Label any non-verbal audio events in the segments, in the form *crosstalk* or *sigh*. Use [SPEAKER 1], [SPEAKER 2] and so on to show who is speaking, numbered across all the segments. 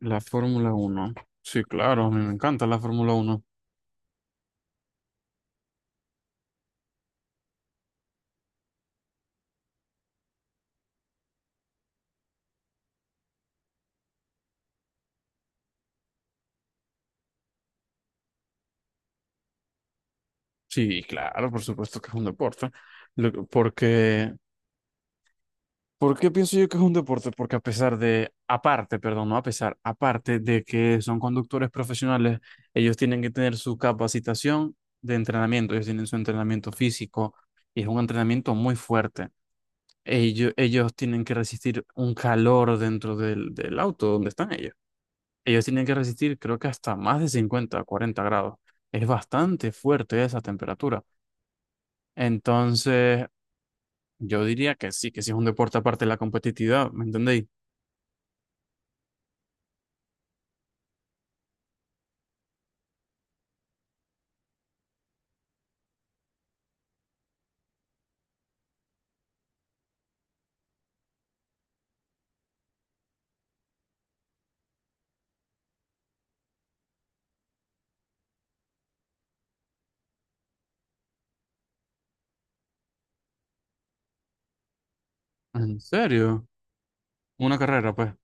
[SPEAKER 1] La Fórmula uno. Sí, claro, a mí me encanta la Fórmula uno. Sí, claro, por supuesto que es un deporte. Porque, ¿por qué pienso yo que es un deporte? Porque a pesar de, aparte, perdón, no a pesar, aparte de que son conductores profesionales, ellos tienen que tener su capacitación de entrenamiento, ellos tienen su entrenamiento físico y es un entrenamiento muy fuerte. Ellos tienen que resistir un calor dentro del auto donde están ellos. Ellos tienen que resistir, creo que hasta más de 50 40 grados. Es bastante fuerte esa temperatura. Entonces, yo diría que sí es un deporte aparte de la competitividad, ¿me entendéis? ¿En serio? Una carrera, pues.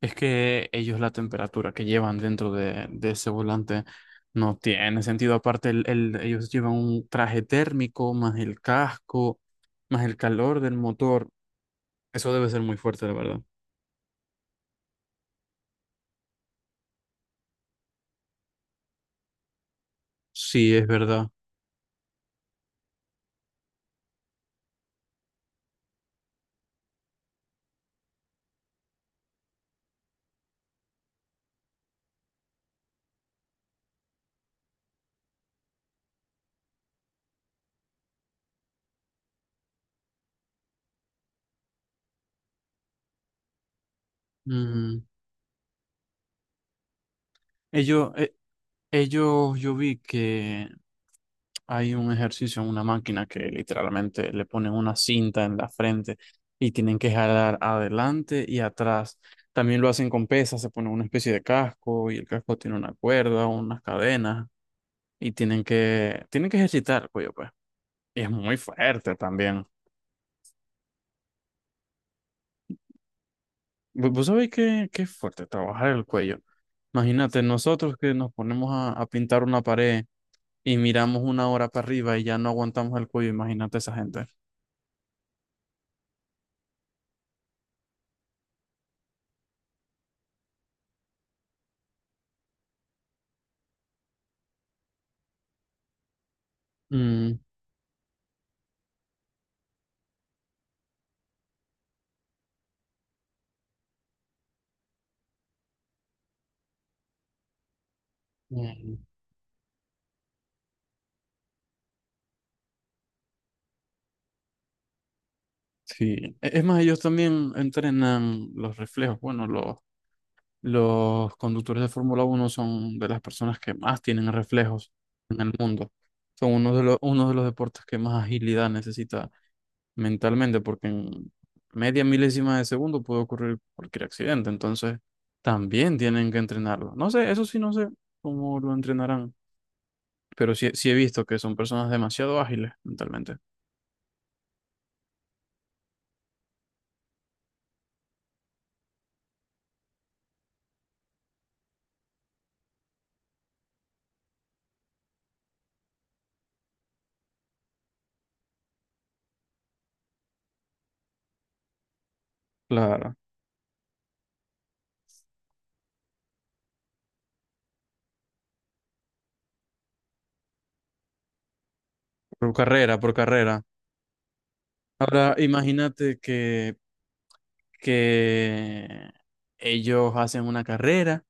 [SPEAKER 1] Es que ellos la temperatura que llevan dentro de ese volante no tiene sentido. Aparte, ellos llevan un traje térmico, más el casco, más el calor del motor. Eso debe ser muy fuerte, la verdad. Sí, es verdad. Mm. Ellos, eh, Ellos, yo vi que hay un ejercicio en una máquina que literalmente le ponen una cinta en la frente y tienen que jalar adelante y atrás. También lo hacen con pesas, se ponen una especie de casco y el casco tiene una cuerda, unas cadenas y tienen que ejercitar el cuello, pues. Y es muy fuerte también. ¿Vos sabéis que es fuerte trabajar el cuello? Imagínate, nosotros que nos ponemos a pintar una pared y miramos una hora para arriba y ya no aguantamos el cuello, imagínate esa gente. Mm, mm, sí, es más, ellos también entrenan los reflejos. Bueno, los conductores de Fórmula uno son de las personas que más tienen reflejos en el mundo. Son uno de los deportes que más agilidad necesita mentalmente, porque en media milésima de segundo puede ocurrir cualquier accidente. Entonces, también tienen que entrenarlo. No sé, eso sí no sé cómo lo entrenarán, pero sí, sí he visto que son personas demasiado ágiles mentalmente. Claro, por carrera, por carrera. Ahora imagínate que ellos hacen una carrera,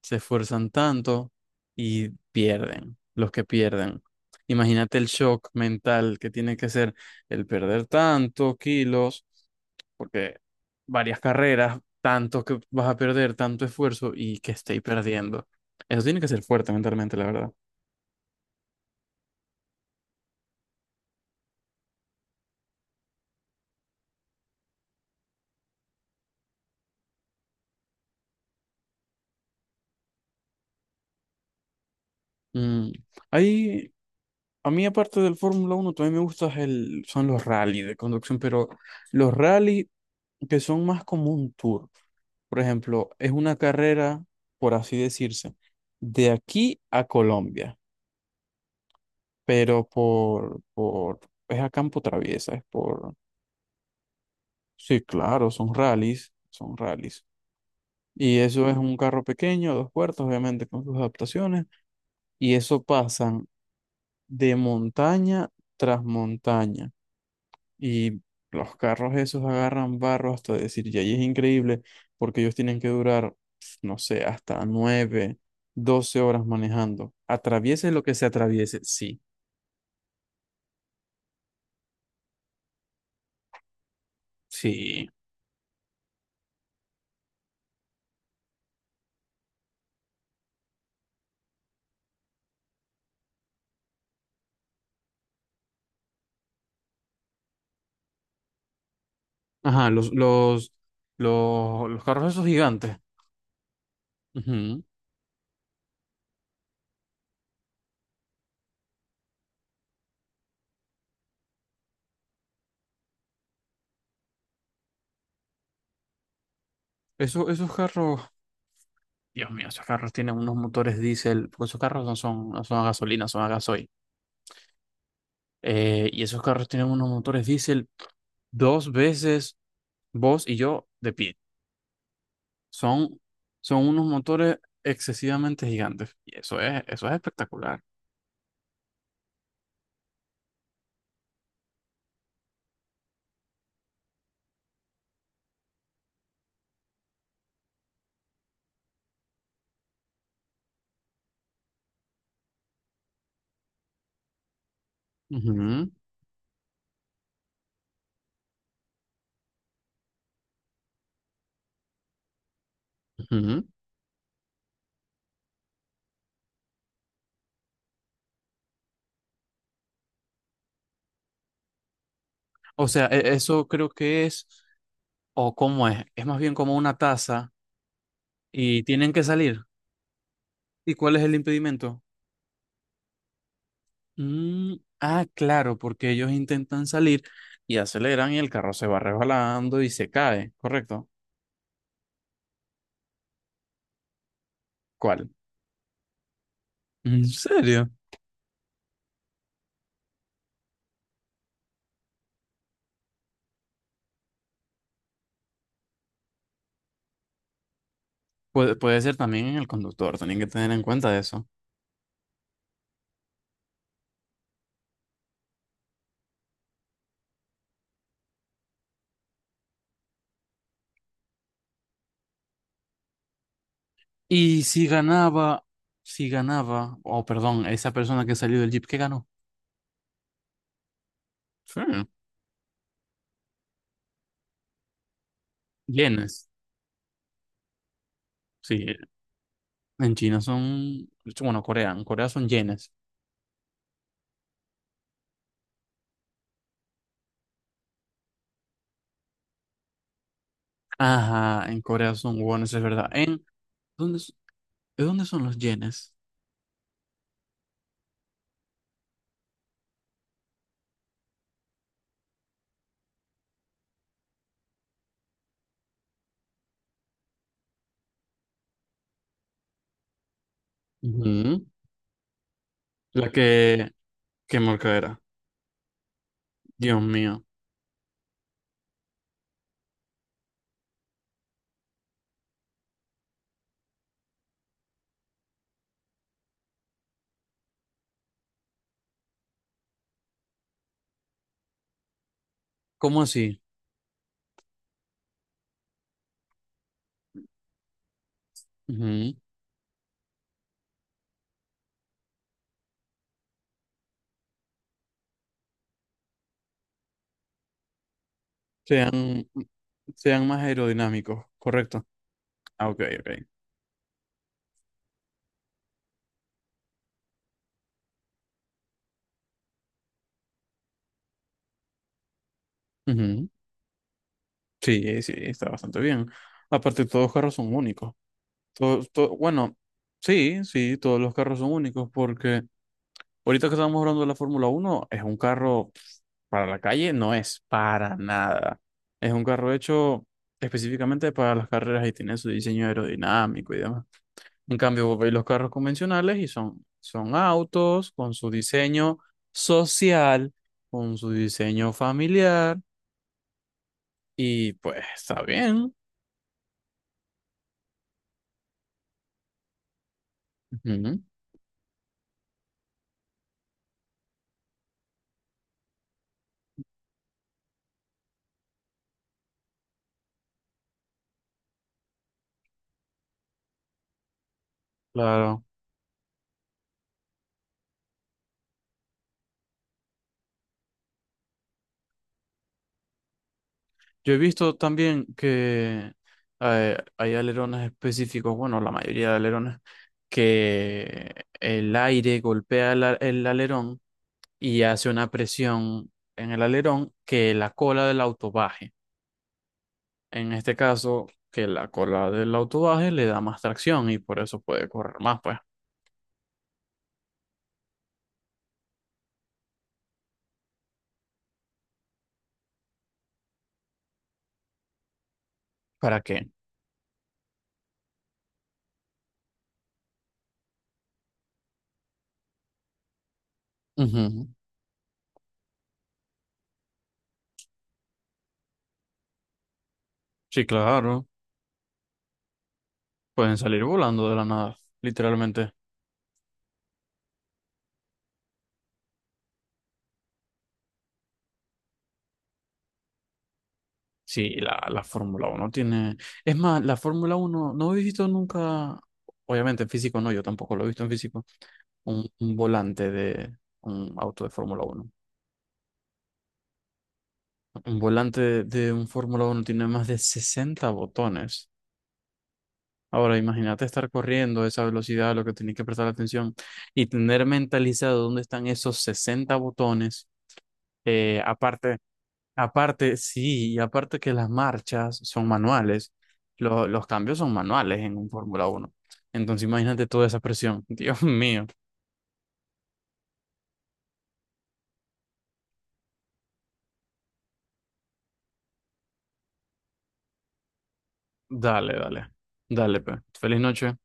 [SPEAKER 1] se esfuerzan tanto y pierden, los que pierden. Imagínate el shock mental que tiene que ser el perder tantos kilos, porque varias carreras, tanto que vas a perder, tanto esfuerzo y que estéis perdiendo. Eso tiene que ser fuerte mentalmente, la verdad. Mm. Hay, A mí, aparte del Fórmula uno también me gustan el, son los rally de conducción, pero los rally que son más como un tour. Por ejemplo, es una carrera, por así decirse, de aquí a Colombia, pero es a campo traviesa, sí, claro, son rallies, son rallies. Y eso es un carro pequeño, dos puertas, obviamente con sus adaptaciones, y eso pasan de montaña tras montaña. Y los carros esos agarran barro hasta decir, y ahí es increíble, porque ellos tienen que durar, pf, no sé, hasta 9, 12 horas manejando. Atraviese lo que se atraviese, sí, sí. Ajá, los carros esos gigantes. Ujú. Esos carros, Dios mío, esos carros tienen unos motores diésel, porque esos carros no son a gasolina, son a gasoil. Y esos carros tienen unos motores diésel dos veces vos y yo de pie. Son, son unos motores excesivamente gigantes. Y eso es espectacular. Ujú, ujú. O sea, eso creo que es, o cómo es más bien como una taza y tienen que salir. ¿Y cuál es el impedimento? Mm, ah, claro, porque ellos intentan salir y aceleran y el carro se va resbalando y se cae, ¿correcto? ¿Cuál? ¿En serio? Puede ser también en el conductor, tienen que tener en cuenta eso. Y si ganaba, o perdón, esa persona que salió del Jeep, ¿qué ganó? Sí, yenes. Sí, en China son, bueno, Corea, en Corea son yenes. Ajá, en Corea son wones, es verdad. En, ¿dónde, ¿de dónde son los yenes? Ujú. La que, qué marca era. Dios mío. ¿Cómo así? Ujú. Sean, sean más aerodinámicos, correcto. Ah, ok, ok. Ujú. Sí, sí, está bastante bien. Aparte, todos los carros son únicos. Bueno, sí, sí, todos los carros son únicos porque ahorita que estamos hablando de la Fórmula Uno es un carro para la calle, no es para nada. Es un carro hecho específicamente para las carreras y tiene su diseño aerodinámico y demás. En cambio, vos veis los carros convencionales y son autos con su diseño social, con su diseño familiar y pues está bien. Ujú, claro. Yo he visto también que hay alerones específicos, bueno, la mayoría de alerones, que el aire golpea el alerón y hace una presión en el alerón que la cola del auto baje. En este caso, que la cola del auto baje le da más tracción y por eso puede correr más, pues. ¿Para qué? Ujú. Sí, claro, pueden salir volando de la nada, literalmente. Sí, la Fórmula uno tiene... Es más, la Fórmula uno, no he visto nunca, obviamente en físico no, yo tampoco lo he visto en físico, un volante de un auto de Fórmula uno. Un volante de, un Fórmula uno tiene más de 60 botones. Ahora, imagínate estar corriendo a esa velocidad, lo que tenés que prestar atención y tener mentalizado dónde están esos 60 botones. Eh, aparte Aparte, sí, y aparte que las marchas son manuales, los cambios son manuales en un Fórmula uno. Entonces imagínate toda esa presión. *laughs* Dios mío. Dale, dale. Dale, pues. Feliz noche.